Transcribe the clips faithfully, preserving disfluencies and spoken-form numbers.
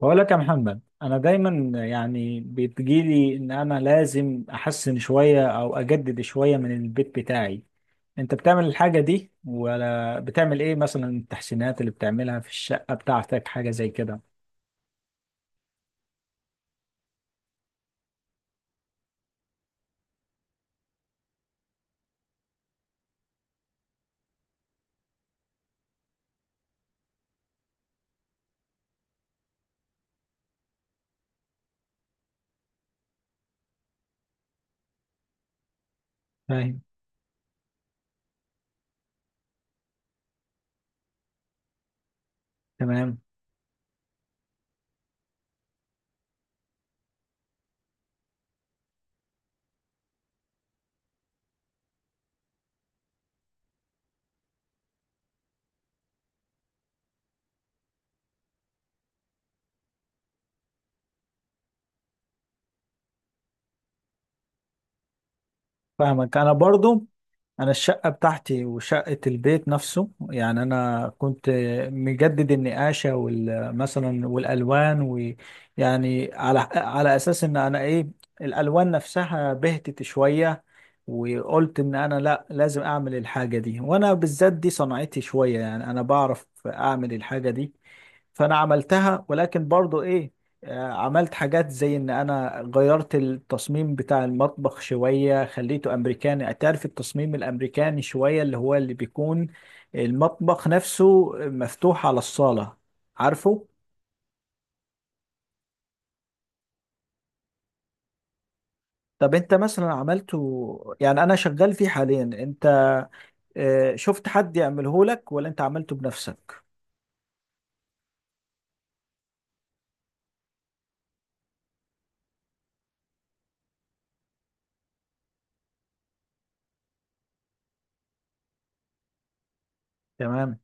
بقول لك يا محمد، انا دايما يعني بتجيلي ان انا لازم احسن شوية او اجدد شوية من البيت بتاعي. انت بتعمل الحاجة دي ولا بتعمل ايه؟ مثلا التحسينات اللي بتعملها في الشقة بتاعتك، حاجة زي كده؟ فاهم. تمام. فاهمك انا برضو. انا الشقه بتاعتي وشقه البيت نفسه، يعني انا كنت مجدد النقاشه وال مثلا والالوان، ويعني على على اساس ان انا ايه، الالوان نفسها بهتت شويه، وقلت ان انا لا لازم اعمل الحاجه دي، وانا بالذات دي صنعتي شويه، يعني انا بعرف اعمل الحاجه دي. فانا عملتها، ولكن برضو ايه، آه، عملت حاجات زي ان انا غيرت التصميم بتاع المطبخ شوية، خليته امريكاني. تعرف التصميم الامريكاني شوية، اللي هو اللي بيكون المطبخ نفسه مفتوح على الصالة، عارفه. طب انت مثلا عملته؟ يعني انا شغال فيه حاليا. انت آه، شفت حد يعمله لك ولا انت عملته بنفسك؟ تمام.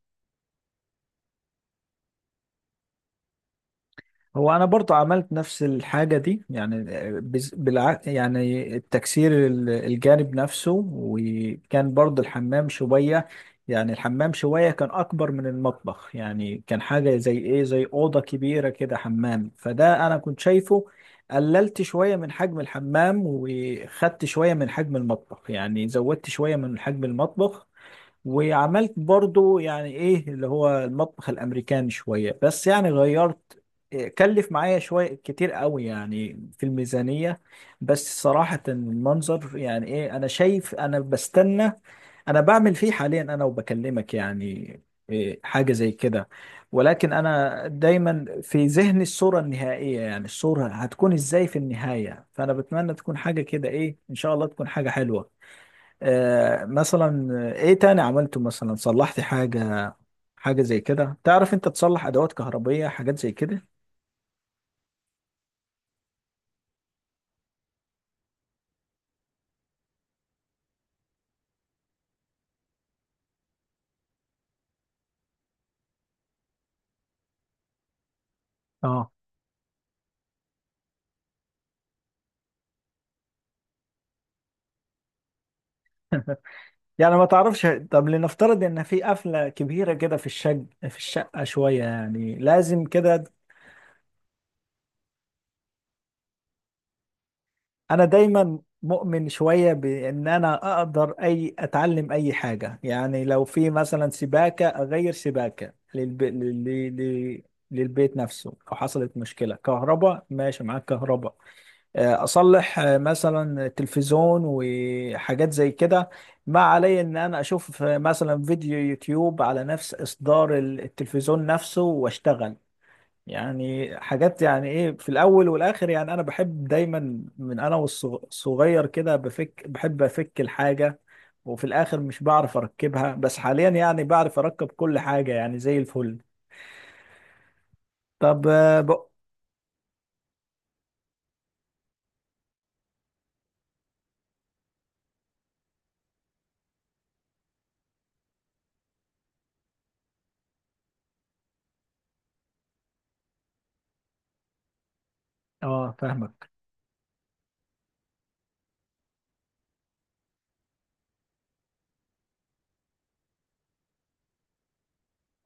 هو انا برضو عملت نفس الحاجه دي يعني، بز- بالع... يعني التكسير ال- الجانب نفسه، وكان برضو الحمام شويه، يعني الحمام شويه كان اكبر من المطبخ، يعني كان حاجه زي ايه، زي اوضه كبيره كده حمام، فده انا كنت شايفه. قللت شويه من حجم الحمام، وخدت شويه من حجم المطبخ، يعني زودت شويه من حجم المطبخ، وعملت برضو يعني ايه اللي هو المطبخ الامريكاني شوية، بس يعني غيرت. إيه، كلف معايا شوية كتير قوي يعني في الميزانية، بس صراحة المنظر يعني ايه، انا شايف انا بستنى. انا بعمل فيه حاليا، انا وبكلمك يعني إيه، حاجة زي كده. ولكن انا دايما في ذهني الصورة النهائية، يعني الصورة هتكون ازاي في النهاية. فانا بتمنى تكون حاجة كده ايه، ان شاء الله تكون حاجة حلوة. آه مثلا آه، ايه تاني عملته؟ مثلا صلحت حاجة، حاجة زي كده؟ تعرف انت تصلح ادوات كهربية، حاجات زي كده؟ اه. يعني ما تعرفش، طب لنفترض ان في قفلة كبيرة كده في الشق في الشقة شوية، يعني لازم كده. انا دايما مؤمن شوية بان انا اقدر اي اتعلم اي حاجة، يعني لو في مثلا سباكة اغير سباكة للبي... لل... لل... للبيت نفسه، او حصلت مشكلة كهرباء، ماشي معاك كهرباء، اصلح آه، مثلا تلفزيون وحاجات زي كده. ما علي ان انا اشوف آه، مثلا فيديو يوتيوب على نفس اصدار التلفزيون نفسه واشتغل. يعني حاجات، يعني ايه، في الاول والاخر يعني انا بحب دايما، من انا والصغير كده، بفك بحب افك الحاجة، وفي الاخر مش بعرف اركبها. بس حاليا يعني بعرف اركب كل حاجة، يعني زي الفل. طب اه، بق- آه، فاهمك.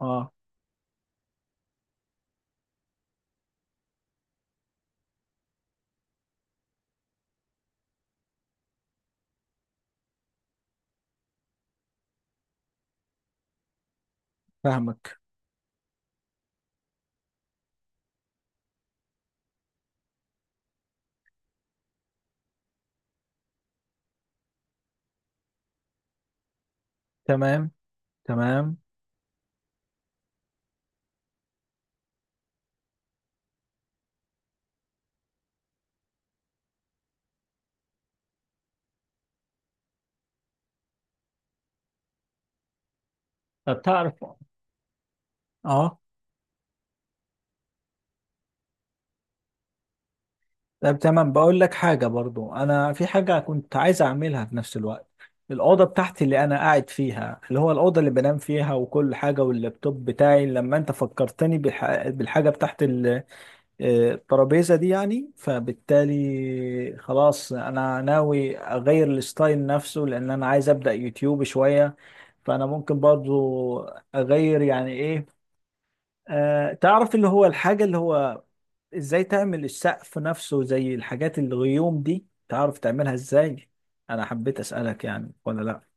اه. فاهمك. تمام. تمام. طب تعرف. اه. طب تمام، بقول لك حاجة برضو. انا في حاجة كنت عايز اعملها في نفس الوقت. الأوضة بتاعتي اللي أنا قاعد فيها، اللي هو الأوضة اللي بنام فيها وكل حاجة، واللابتوب بتاعي، لما أنت فكرتني بالح... بالحاجة بتاعت ال- آه، الترابيزة دي يعني، فبالتالي خلاص أنا ناوي أغير الستايل نفسه، لأن أنا عايز أبدأ يوتيوب شوية. فأنا ممكن برضو أغير يعني إيه، آه، تعرف اللي هو الحاجة اللي هو ازاي تعمل السقف نفسه زي الحاجات الغيوم دي، تعرف تعملها ازاي؟ انا حبيت اسألك يعني، ولا لا؟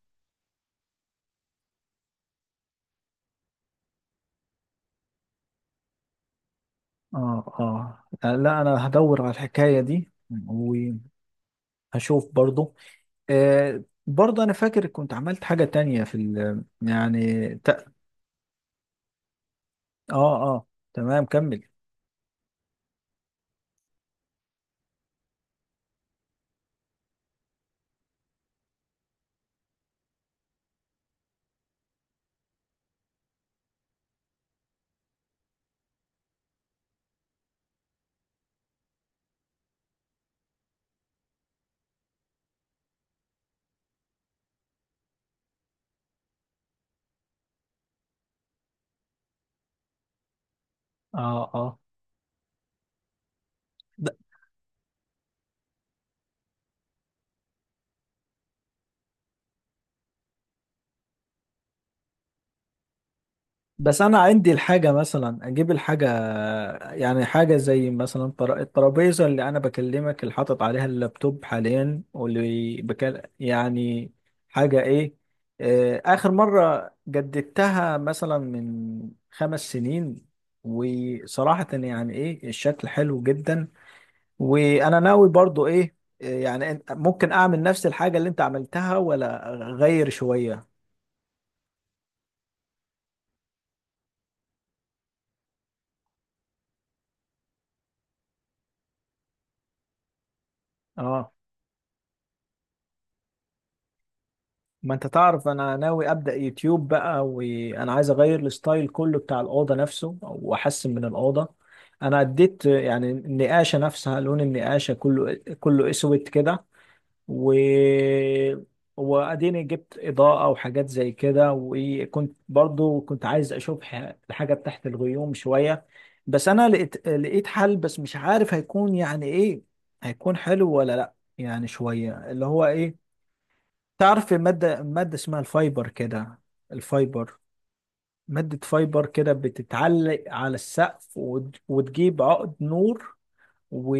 اه. اه. آه، لا انا هدور على الحكاية دي وهشوف برضو. آه، برضو انا فاكر كنت عملت حاجة تانية في ال يعني ت... اه. اه، تمام، كمل. اه. اه. بس انا عندي الحاجه مثلا اجيب الحاجه، يعني حاجه زي مثلا طر- الترابيزه اللي انا بكلمك اللي حاطط عليها اللابتوب حاليا، واللي بكل يعني حاجه ايه، آه، اخر مره جددتها مثلا من خمس سنين، وصراحه يعني ايه الشكل حلو جدا. وانا ناوي برضو ايه، آه، يعني إن- ممكن اعمل نفس الحاجه اللي انت عملتها، ولا اغير شويه؟ اه، ما انت تعرف انا ناوي ابدا يوتيوب بقى، وانا عايز اغير الستايل كله بتاع الاوضه نفسه، واحسن من الاوضه. انا اديت يعني النقاشه نفسها، لون النقاشه كله، كله اسود كده. و واديني جبت اضاءه وحاجات زي كده. وكنت برضو كنت عايز اشوف ح- الحاجه تحت الغيوم شويه. بس انا لقيت لقيت حل، بس مش عارف هيكون يعني ايه، هيكون حلو ولا لا، يعني شويه اللي هو ايه. تعرف مادة مادة اسمها الفايبر كده، الفايبر. مادة فايبر كده بتتعلق على السقف، وت- وتجيب عقد نور، و...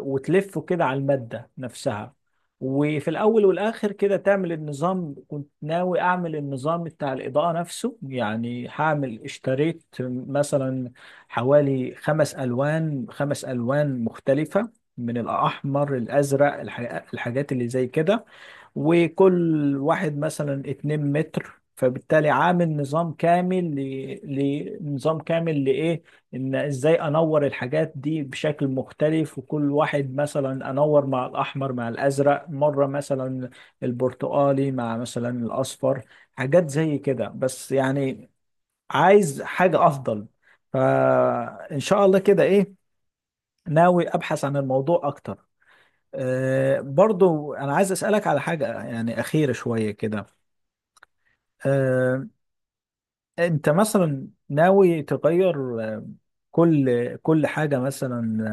وتلفه كده على المادة نفسها، وفي الأول والآخر كده تعمل النظام. كنت ناوي أعمل النظام بتاع الإضاءة نفسه. يعني هعمل، اشتريت مثلا حوالي خمس ألوان خمس ألوان مختلفة، من الأحمر، الأزرق، الح... الحاجات اللي زي كده. وكل واحد مثلا 2 متر، فبالتالي عامل نظام كامل ل... لنظام كامل لإيه، إن إزاي أنور الحاجات دي بشكل مختلف، وكل واحد مثلا أنور مع الأحمر مع الأزرق مرة، مثلا البرتقالي مع مثلا الأصفر، حاجات زي كده، بس يعني عايز حاجة أفضل. فإن شاء الله كده إيه، ناوي أبحث عن الموضوع أكتر. أه، برضو أنا عايز أسألك على حاجة يعني أخيرة شوية كده. أه. أنت مثلا ناوي تغير آه، كل كل حاجة مثلا،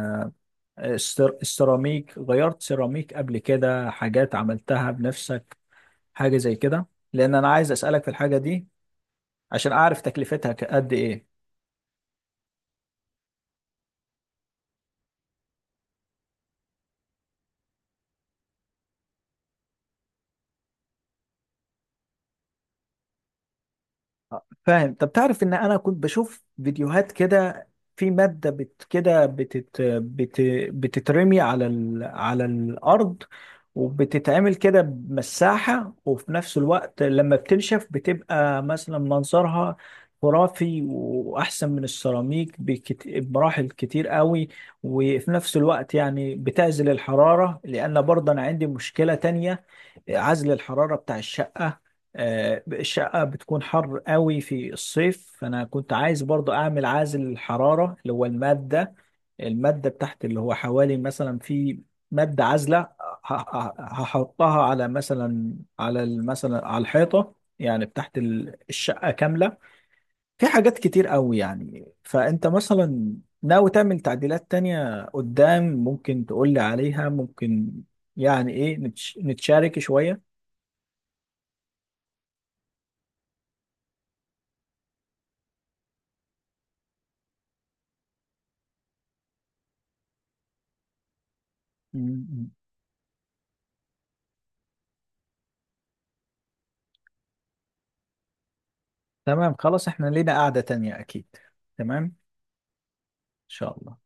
آه، السر- السيراميك، غيرت سيراميك قبل كده، حاجات عملتها بنفسك، حاجة زي كده؟ لأن أنا عايز أسألك في الحاجة دي، عشان أعرف تكلفتها قد إيه. آه، فاهم. طب تعرف ان انا كنت بشوف فيديوهات كده، في مادة بت كده بتت بت بتترمي على ال على الارض، وبتتعمل كده بمساحة، وفي نفس الوقت لما بتنشف بتبقى مثلا منظرها خرافي، واحسن من السيراميك بكت- بمراحل كتير قوي. وفي نفس الوقت يعني بتعزل الحرارة، لان برضه انا عندي مشكلة تانية، عزل الحرارة بتاع الشقة. آه، الشقة بتكون حر قوي في الصيف، فأنا كنت عايز برضو أعمل عازل الحرارة، اللي هو المادة، المادة بتاعت اللي هو حوالي مثلا، في مادة عازلة ه- ه- هحطها على، مثلا على ال- مثلا على الحيطة يعني بتاعت ال- الشقة كاملة. في حاجات كتير قوي يعني. فأنت مثلا ناوي تعمل تعديلات تانية قدام، ممكن تقولي عليها؟ ممكن يعني إيه، نتش- نتشارك شوية. م- م. تمام، خلاص احنا لينا قعدة تانية اكيد. تمام، ان شاء الله.